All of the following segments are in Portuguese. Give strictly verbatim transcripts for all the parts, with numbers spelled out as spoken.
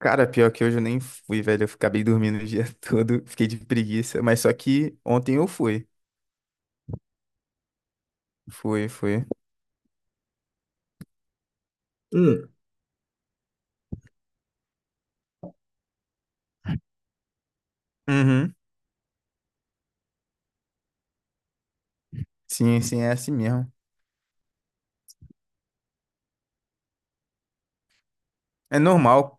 Cara, pior que hoje eu nem fui, velho. Eu acabei dormindo o dia todo, fiquei de preguiça. Mas só que ontem eu fui. Fui, fui. Hum. Uhum. Sim, sim, é assim mesmo. É normal,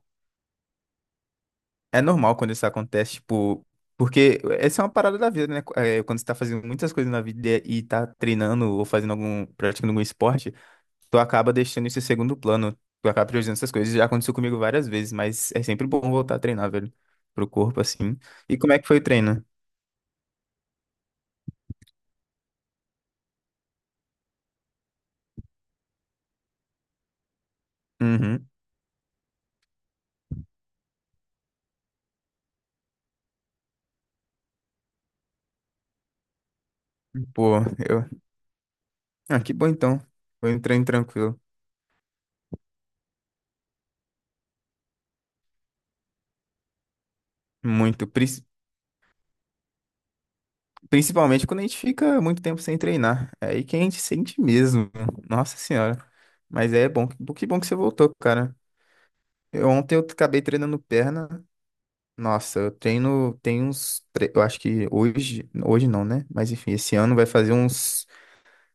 é normal quando isso acontece, tipo, porque essa é uma parada da vida, né? É, quando você tá fazendo muitas coisas na vida e e tá treinando ou fazendo algum, praticando algum esporte, tu acaba deixando isso em segundo plano. Tu acaba priorizando essas coisas. Já aconteceu comigo várias vezes, mas é sempre bom voltar a treinar, velho, pro corpo assim. E como é que foi o treino? Uhum. Pô, eu Ah, que bom então. Foi um treino tranquilo. Muito. pris- Principalmente quando a gente fica muito tempo sem treinar. É aí que a gente sente mesmo. Nossa senhora. Mas é bom. Que que bom que você voltou, cara. Eu, ontem eu acabei treinando perna. Nossa, eu treino. Tem uns. tre- Eu acho que hoje. Hoje não, né? Mas enfim, esse ano vai fazer uns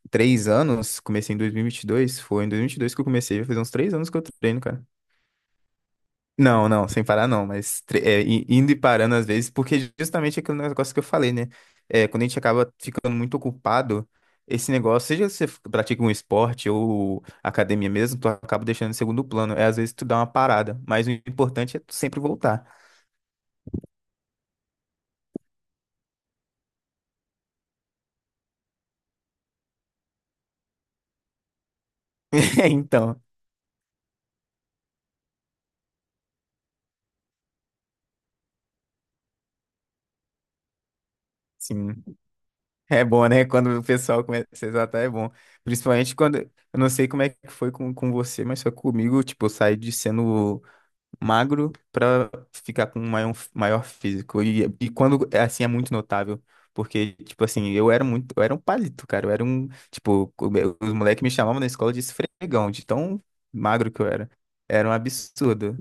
três anos. Comecei em dois mil e e vinte e dois. Foi em dois mil e e vinte e dois que eu comecei. Vai fazer uns três anos que eu treino, cara. Não, não, sem parar não, mas tre- é, i- indo e parando às vezes, porque justamente aquele negócio que eu falei, né? É, quando a gente acaba ficando muito ocupado, esse negócio, seja você f- pratica um esporte ou academia mesmo, tu acaba deixando em segundo plano. É, às vezes tu dá uma parada, mas o importante é tu sempre voltar. Então, sim, é bom, né? Quando o pessoal começa a se exaltar, é bom. Principalmente quando, eu não sei como é que foi com, com você, mas foi comigo, tipo, eu saí de sendo magro para ficar com um maior, maior físico. E, e quando é assim é muito notável. Porque, tipo assim, eu era muito, eu era um palito, cara. Eu era um, tipo, o os moleques me chamavam na escola de esfregão, de tão magro que eu era. Era um absurdo.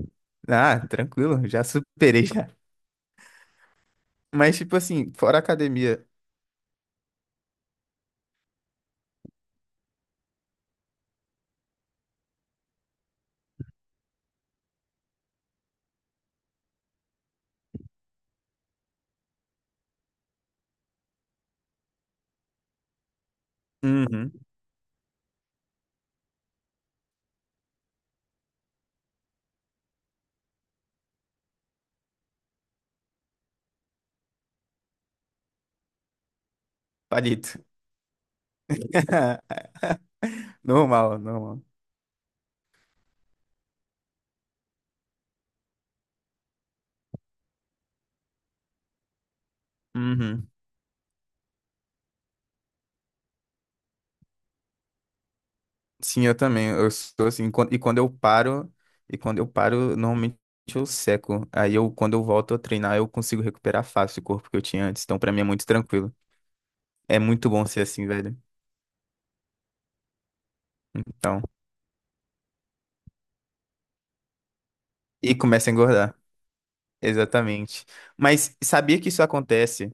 Ah, tranquilo, já superei já. Mas, tipo assim, fora a academia, uhum, palito. Normal, normal. Uhum. Sim, eu também. Eu sou assim, quan- e quando eu paro, e quando eu paro, normalmente eu seco. Aí eu, quando eu volto a treinar, eu consigo recuperar fácil o corpo que eu tinha antes. Então, pra mim é muito tranquilo. É muito bom ser assim, velho. Então, e começa a engordar. Exatamente. Mas sabia que isso acontece?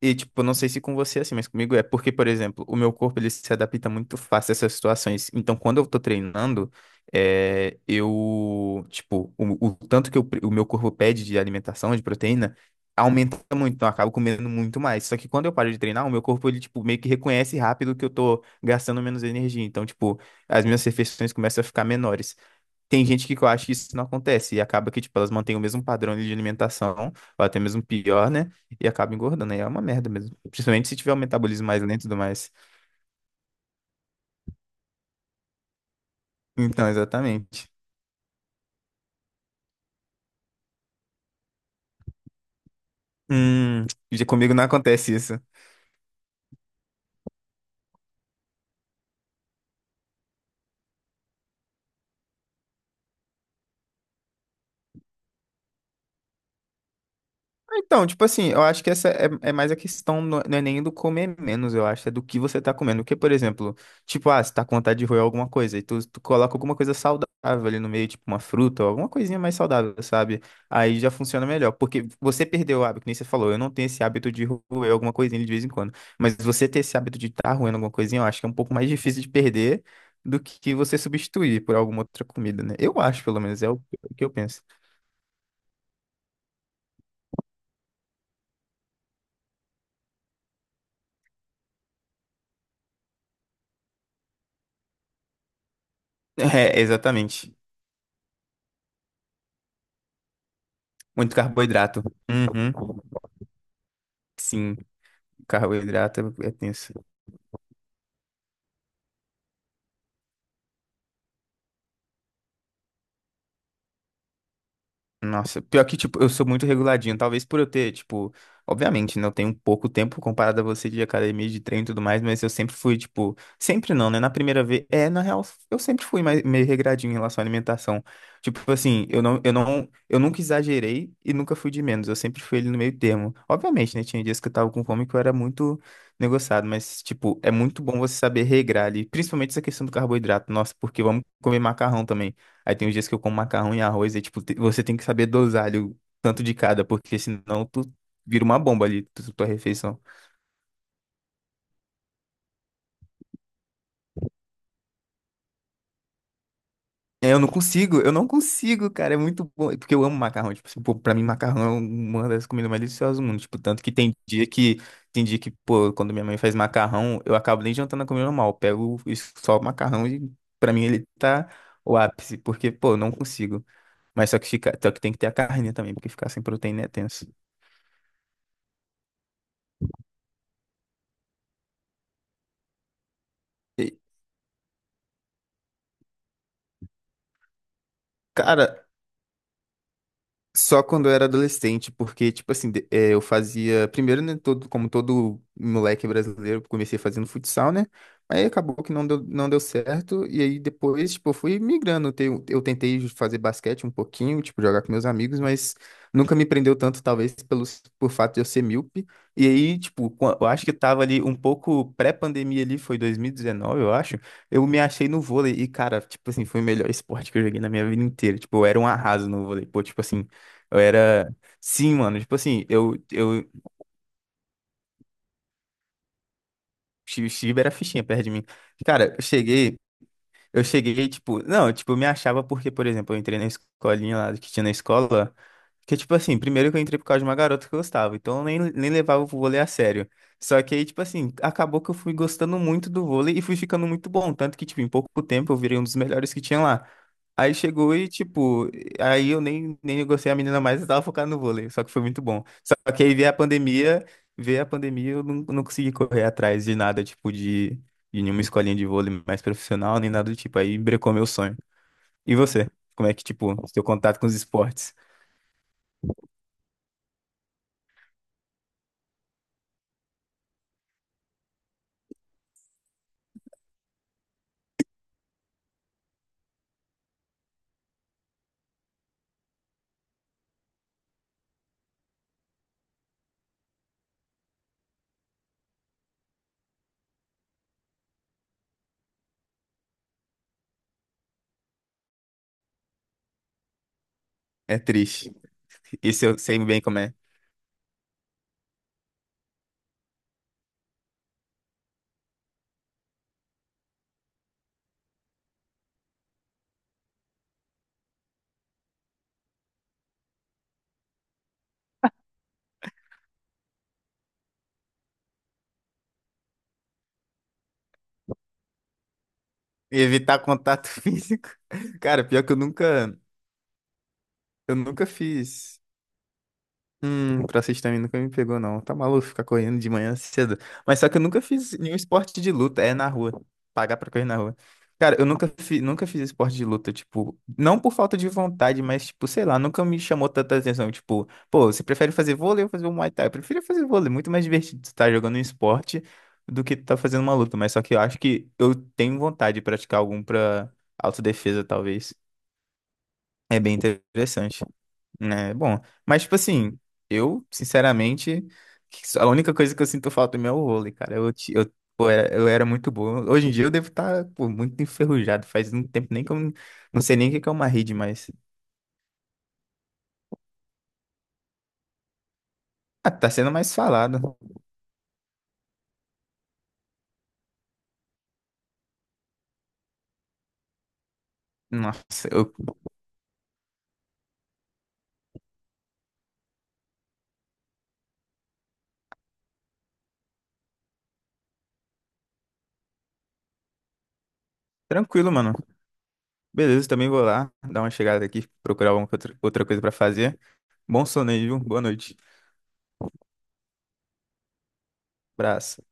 E, tipo, não sei se com você é assim, mas comigo é porque, por exemplo, o meu corpo ele se adapta muito fácil a essas situações. Então, quando eu tô treinando, é, eu, tipo, o, o tanto que eu pre- o meu corpo pede de alimentação, de proteína, aumenta muito. Então, eu acabo comendo muito mais. Só que quando eu paro de treinar, o meu corpo, ele, tipo, meio que reconhece rápido que eu tô gastando menos energia. Então, tipo, as minhas refeições começam a ficar menores. Tem gente que eu acho que isso não acontece e acaba que, tipo, elas mantêm o mesmo padrão ali de alimentação, ou até mesmo pior, né? E acaba engordando. Aí é uma merda mesmo. Principalmente se tiver um metabolismo mais lento e tudo mais. Então, exatamente. Hum, já comigo não acontece isso. Então, tipo assim, eu acho que essa é, é mais a questão, não é, não é nem do comer menos, eu acho, é do que você tá comendo. Porque, por exemplo, tipo, ah, você tá com vontade de roer alguma coisa, e tu, tu coloca alguma coisa saudável ali no meio, tipo uma fruta, ou alguma coisinha mais saudável, sabe? Aí já funciona melhor. Porque você perdeu o hábito, que nem você falou, eu não tenho esse hábito de roer alguma coisinha de vez em quando. Mas você ter esse hábito de estar tá roendo alguma coisinha, eu acho que é um pouco mais difícil de perder do que você substituir por alguma outra comida, né? Eu acho, pelo menos, é o o que eu penso. É, exatamente. Muito carboidrato. Uhum. Sim, carboidrato é é tenso. Nossa, pior que, tipo, eu sou muito reguladinho. Talvez por eu ter, tipo, obviamente, né? Eu tenho pouco tempo comparado a você de academia, de treino e tudo mais, mas eu sempre fui, tipo, sempre não, né? Na primeira vez, é, na real, eu sempre fui mais, meio regradinho em relação à alimentação. Tipo assim, eu não, eu não, eu nunca exagerei e nunca fui de menos. Eu sempre fui ali no meio termo. Obviamente, né? Tinha dias que eu tava com fome que eu era muito negociado, mas, tipo, é muito bom você saber regrar ali, principalmente essa questão do carboidrato. Nossa, porque vamos comer macarrão também. Aí tem os dias que eu como macarrão e arroz, e tipo, te- você tem que saber dosar ali o tanto de cada, porque senão tu vira uma bomba ali, tu, tua refeição. É, eu não consigo, eu não consigo, cara, é muito bom, porque eu amo macarrão, tipo, assim, pô, pra mim macarrão é uma das comidas mais deliciosas do mundo, tipo, tanto que tem dia que, tem dia que, pô, quando minha mãe faz macarrão, eu acabo nem jantando a comida normal, eu pego isso- só o macarrão e pra mim ele tá o ápice, porque, pô, eu não consigo. Mas só que, fica, só que tem que ter a carne também, porque ficar sem proteína é tenso. E, cara, só quando eu era adolescente, porque, tipo assim, de- eh, eu fazia. Primeiro, né, todo, como todo moleque brasileiro, eu comecei fazendo futsal, né? Aí acabou que não deu, não deu certo. E aí depois, tipo, eu fui migrando. Eu, eu tentei fazer basquete um pouquinho, tipo, jogar com meus amigos, mas nunca me prendeu tanto, talvez, pelo, por fato de eu ser míope. E aí, tipo, qua- eu acho que tava ali um pouco pré-pandemia ali, foi dois mil e dezenove, eu acho. Eu me achei no vôlei e, cara, tipo assim, foi o melhor esporte que eu joguei na minha vida inteira. Tipo, eu era um arraso no vôlei. Pô, tipo assim. Eu era. Sim, mano. Tipo assim, eu, eu. Steve Steve era fichinha perto de mim. Cara, eu cheguei. Eu cheguei, tipo. Não, tipo, eu me achava porque, por exemplo, eu entrei na escolinha lá que tinha na escola. Que, tipo assim, primeiro que eu entrei por causa de uma garota que eu gostava, então eu nem, nem levava o vôlei a sério. Só que aí, tipo assim, acabou que eu fui gostando muito do vôlei e fui ficando muito bom. Tanto que, tipo, em pouco tempo eu virei um dos melhores que tinha lá. Aí chegou e, tipo, aí eu nem, nem gostei a menina mais, eu tava focado no vôlei, só que foi muito bom. Só que aí veio a pandemia, veio a pandemia, eu não, não consegui correr atrás de nada, tipo, de, de nenhuma escolinha de vôlei mais profissional, nem nada do tipo. Aí brecou meu sonho. E você? Como é que, tipo, seu contato com os esportes? É triste. Isso eu sei bem como é. Evitar contato físico. Cara, pior que eu nunca, eu nunca fiz. Hum, crossfit também nunca me pegou, não. Tá maluco ficar correndo de manhã cedo. Mas só que eu nunca fiz nenhum esporte de luta. É na rua. Pagar pra correr na rua. Cara, eu nunca fiz, nunca fiz esporte de luta, tipo, não por falta de vontade, mas, tipo, sei lá, nunca me chamou tanta atenção. Tipo, pô, você prefere fazer vôlei ou fazer um Muay Thai? Eu prefiro fazer vôlei, muito mais divertido estar jogando um esporte do que estar fazendo uma luta. Mas só que eu acho que eu tenho vontade de praticar algum pra autodefesa, talvez. É bem interessante. É, bom. Mas, tipo assim, eu, sinceramente, que- a única coisa que eu sinto falta mesmo é o vôlei, cara. Eu, ti- eu, pô, era, eu era muito bom. Hoje em dia eu devo estar, pô, muito enferrujado. Faz um tempo nem que eu não não sei nem o que que é uma rede, mas. Ah, tá sendo mais falado. Nossa, eu. Tranquilo, mano. Beleza, também vou lá dar uma chegada aqui, procurar alguma outra outra coisa pra fazer. Bom sono aí, viu? Boa noite. Abraço.